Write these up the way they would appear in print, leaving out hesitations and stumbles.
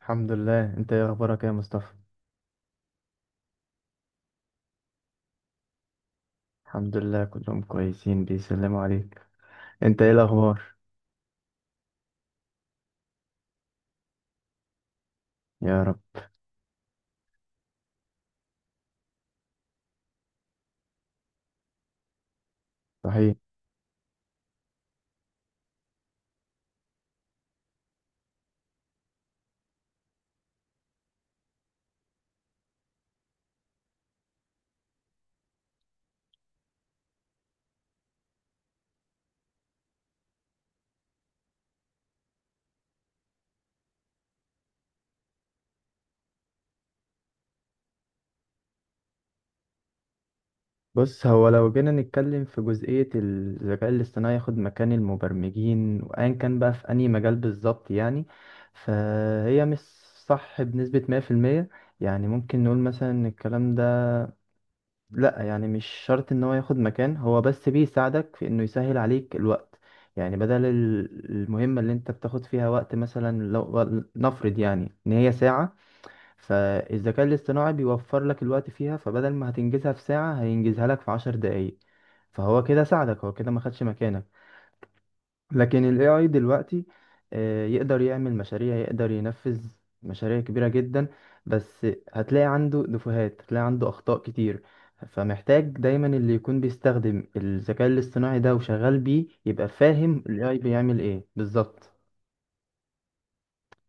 الحمد لله. انت ايه اخبارك يا مصطفى؟ الحمد لله كلهم كويسين بيسلموا عليك. انت ايه الاخبار؟ يا رب. صحيح. بص، هو لو جينا نتكلم في جزئية الذكاء الاصطناعي ياخد مكان المبرمجين وايا كان بقى في اي مجال بالظبط يعني، فهي مش صح بنسبة 100%. يعني ممكن نقول مثلا ان الكلام ده لا، يعني مش شرط ان هو ياخد مكان، هو بس بيساعدك في انه يسهل عليك الوقت. يعني بدل المهمة اللي انت بتاخد فيها وقت، مثلا لو نفرض يعني ان هي ساعة، فالذكاء الاصطناعي بيوفر لك الوقت فيها، فبدل ما هتنجزها في ساعة هينجزها لك في عشر دقايق. فهو كده ساعدك، هو كده ما خدش مكانك. لكن ال AI دلوقتي يقدر يعمل مشاريع، يقدر ينفذ مشاريع كبيرة جدا. بس هتلاقي عنده نفوهات، هتلاقي عنده أخطاء كتير. فمحتاج دايما اللي يكون بيستخدم الذكاء الاصطناعي ده وشغال بيه يبقى فاهم ال AI بيعمل ايه بالظبط.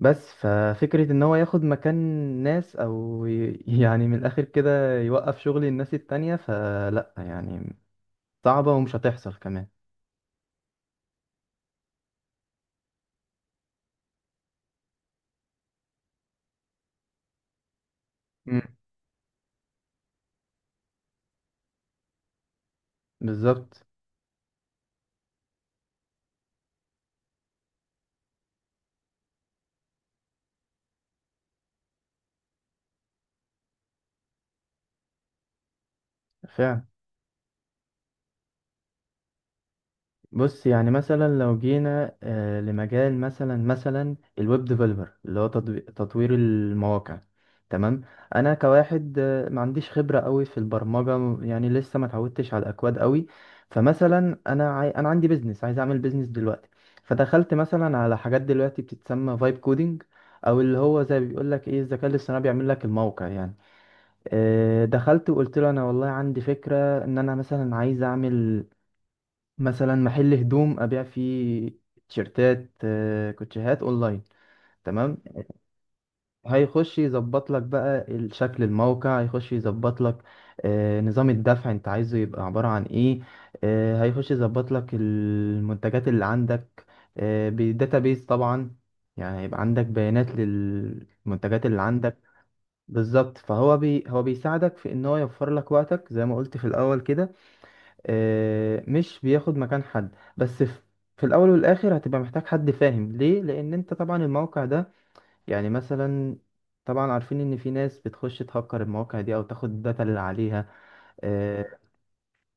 بس ففكرة ان هو ياخد مكان ناس او يعني من الاخر كده يوقف شغل الناس التانية، فلا يعني صعبة ومش هتحصل كمان. مم. بالظبط. فعلا. بص يعني مثلا لو جينا لمجال مثلا الويب ديفلوبر اللي هو تطوير المواقع. تمام. انا كواحد ما عنديش خبرة قوي في البرمجة، يعني لسه ما اتعودتش على الاكواد قوي. فمثلا انا عندي بيزنس، عايز اعمل بيزنس دلوقتي. فدخلت مثلا على حاجات دلوقتي بتتسمى فايب كودينج، او اللي هو زي بيقول لك ايه، الذكاء الاصطناعي بيعمل لك الموقع يعني. دخلت وقلت له انا والله عندي فكرة ان انا مثلا عايز اعمل مثلا محل هدوم ابيع فيه تيشيرتات، كوتشيهات اونلاين. تمام. هيخش يظبط لك بقى الشكل، الموقع هيخش يظبط لك نظام الدفع انت عايزه يبقى عبارة عن ايه، هيخش يظبط لك المنتجات اللي عندك بداتابيز طبعا، يعني هيبقى عندك بيانات للمنتجات اللي عندك. بالظبط. فهو بي هو بيساعدك في ان هو يوفر لك وقتك زي ما قلت في الاول كده. مش بياخد مكان حد، بس في في الاول والاخر هتبقى محتاج حد فاهم ليه، لان انت طبعا الموقع ده يعني مثلا طبعا عارفين ان في ناس بتخش تهكر المواقع دي او تاخد الداتا اللي عليها. آه،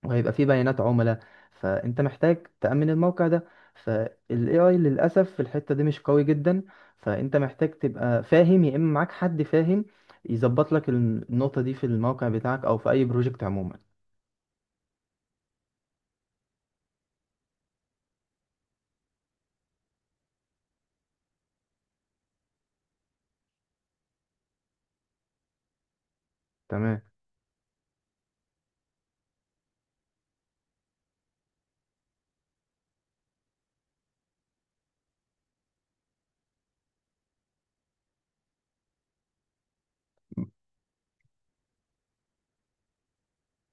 وهيبقى في بيانات عملاء، فانت محتاج تأمن الموقع ده. فالاي اي للاسف في الحتة دي مش قوي جدا، فانت محتاج تبقى فاهم يا اما معاك حد فاهم يظبط لك النقطة دي في الموقع بتاعك او في اي بروجكت عموما. تمام.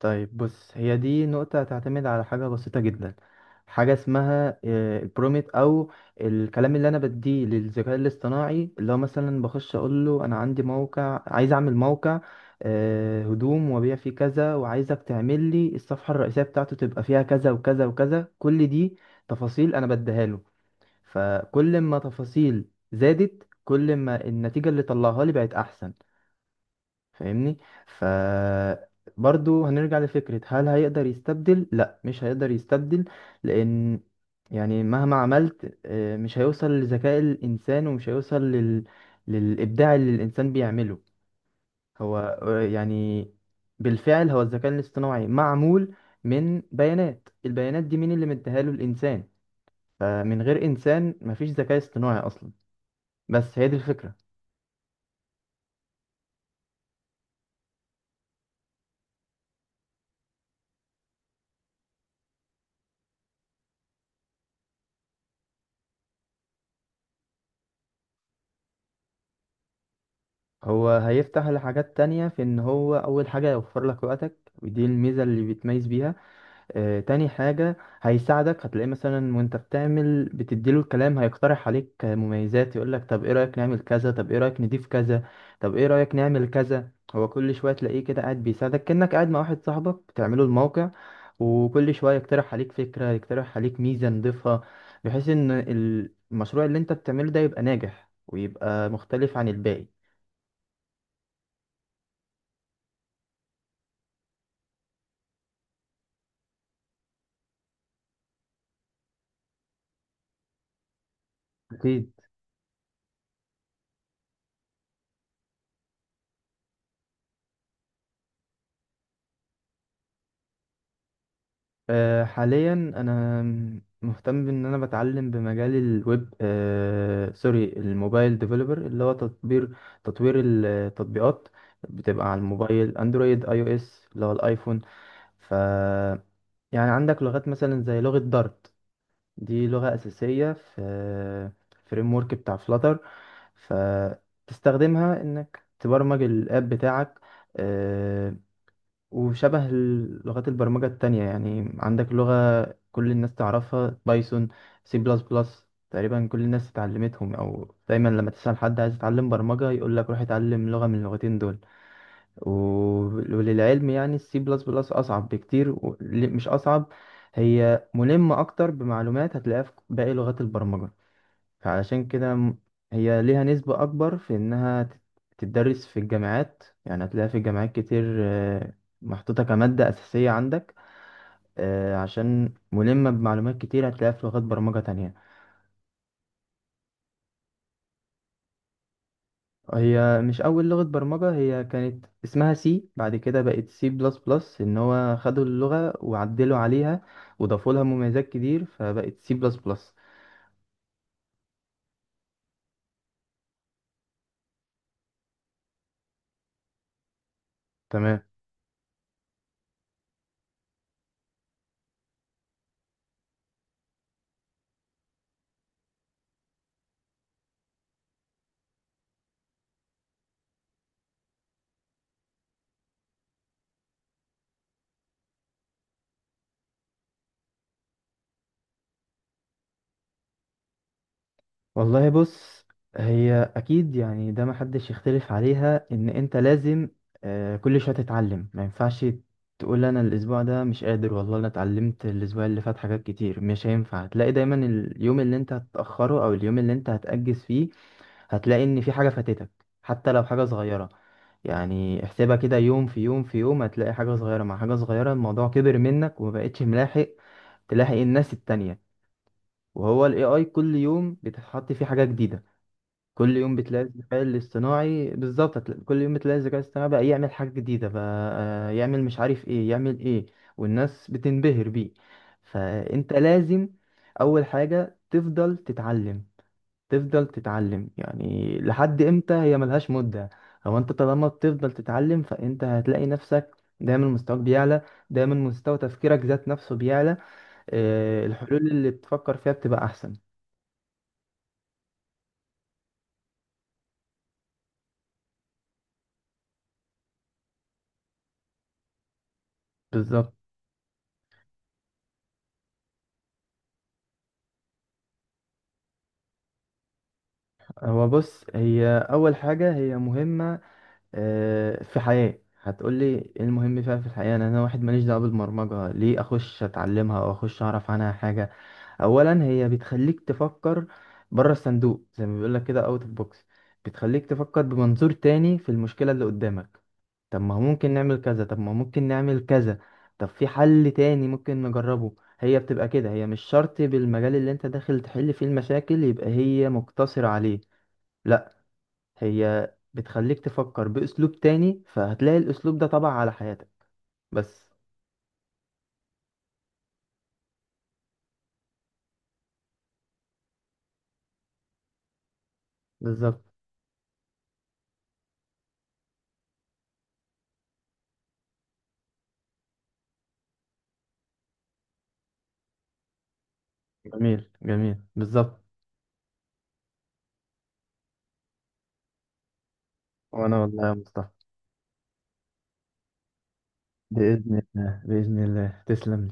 طيب، بص، هي دي نقطة هتعتمد على حاجة بسيطة جدا، حاجة اسمها البروميت، أو الكلام اللي أنا بديه للذكاء الاصطناعي، اللي هو مثلا بخش أقول له أنا عندي موقع، عايز أعمل موقع هدوم وأبيع فيه كذا، وعايزك تعمل لي الصفحة الرئيسية بتاعته تبقى فيها كذا وكذا وكذا، كل دي تفاصيل أنا بديها له. فكل ما تفاصيل زادت، كل ما النتيجة اللي طلعها لي بقت أحسن. فاهمني؟ ف برضو هنرجع لفكرة هل هيقدر يستبدل، لا مش هيقدر يستبدل. لأن يعني مهما عملت مش هيوصل لذكاء الإنسان، ومش هيوصل للإبداع اللي الإنسان بيعمله. هو يعني بالفعل هو الذكاء الاصطناعي معمول من بيانات، البيانات دي مين اللي مديها له؟ الإنسان. فمن غير إنسان مفيش ذكاء اصطناعي أصلا. بس هي دي الفكرة. هو هيفتح لحاجات تانية في ان هو اول حاجة يوفر لك وقتك، ودي الميزة اللي بيتميز بيها. آه، تاني حاجة هيساعدك، هتلاقيه مثلا وانت بتعمل بتديله الكلام هيقترح عليك مميزات، يقولك طب ايه رأيك نعمل كذا، طب ايه رأيك نضيف كذا، طب ايه رأيك نعمل كذا. هو كل شوية تلاقيه كده قاعد بيساعدك كأنك قاعد مع واحد صاحبك بتعمله الموقع، وكل شوية يقترح عليك فكرة، يقترح عليك ميزة نضيفها، بحيث ان المشروع اللي انت بتعمله ده يبقى ناجح ويبقى مختلف عن الباقي. أكيد. حاليا انا مهتم بان انا بتعلم بمجال الويب، سوري الموبايل ديفلوبر اللي هو تطوير التطبيقات، بتبقى على الموبايل اندرويد، اي او اس اللي هو الايفون. ف يعني عندك لغات مثلا زي لغة دارت، دي لغة أساسية في فريم ورك بتاع فلاتر، فتستخدمها انك تبرمج الاب بتاعك. آه، وشبه لغات البرمجة التانية، يعني عندك لغة كل الناس تعرفها بايثون، سي بلس بلس، تقريبا كل الناس اتعلمتهم، او دايما لما تسأل حد عايز يتعلم برمجة يقول لك روح اتعلم لغة من اللغتين دول. و- وللعلم يعني السي بلس بلس اصعب بكتير مش اصعب، هي ملمة اكتر بمعلومات هتلاقيها في باقي لغات البرمجة. فعلشان كده هي ليها نسبة أكبر في إنها تتدرس في الجامعات، يعني هتلاقيها في الجامعات كتير محطوطة كمادة أساسية عندك، عشان ملمة بمعلومات كتير هتلاقيها في لغات برمجة تانية. هي مش أول لغة برمجة، هي كانت اسمها سي، بعد كده بقت سي بلس بلس، إن هو خدوا اللغة وعدلوا عليها وضافوا لها مميزات كتير فبقت سي بلس بلس. تمام. والله بص، هي اكيد يعني ده محدش يختلف عليها ان انت لازم كل شويه تتعلم، ما ينفعش تقول انا الاسبوع ده مش قادر والله انا اتعلمت الاسبوع اللي فات حاجات كتير، مش هينفع. هتلاقي دايما اليوم اللي انت هتاخره او اليوم اللي انت هتاجز فيه، هتلاقي ان في حاجه فاتتك، حتى لو حاجه صغيره. يعني احسبها كده يوم في يوم في يوم، هتلاقي حاجه صغيره مع حاجه صغيره الموضوع كبر منك ومبقتش ملاحق تلاحق الناس التانية. وهو الاي اي كل يوم بتتحط فيه حاجه جديده، كل يوم بتلاقي الذكاء الاصطناعي بالظبط كل يوم بتلاقي الذكاء الاصطناعي بقى يعمل حاجة جديدة بقى، يعمل مش عارف ايه، يعمل ايه. والناس بتنبهر بيه. فانت لازم اول حاجة تفضل تتعلم، تفضل تتعلم. يعني لحد امتى؟ هي ملهاش مدة. هو انت طالما بتفضل تتعلم فانت هتلاقي نفسك دايما مستواك بيعلى، دايما مستوى تفكيرك ذات نفسه بيعلى، الحلول اللي بتفكر فيها بتبقى احسن. بالظبط. هو بص، هي أول حاجة هي مهمة. في حياة هتقولي ايه المهم فيها في الحياة، أنا واحد ماليش دعوة بالبرمجة، ليه أخش أتعلمها أو أخش أعرف عنها حاجة؟ أولا، هي بتخليك تفكر بره الصندوق زي ما بيقولك كده، أوت أوف بوكس. بتخليك تفكر بمنظور تاني في المشكلة اللي قدامك. طب ما هو ممكن نعمل كذا، طب ما ممكن نعمل كذا، طب في حل تاني ممكن نجربه. هي بتبقى كده، هي مش شرط بالمجال اللي انت داخل تحل فيه المشاكل يبقى هي مقتصرة عليه، لا، هي بتخليك تفكر بأسلوب تاني، فهتلاقي الأسلوب ده طبع على حياتك بس. بالظبط. جميل جميل، بالظبط. وأنا والله يا مصطفى. بإذن الله، بإذن الله. تسلم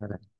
لي.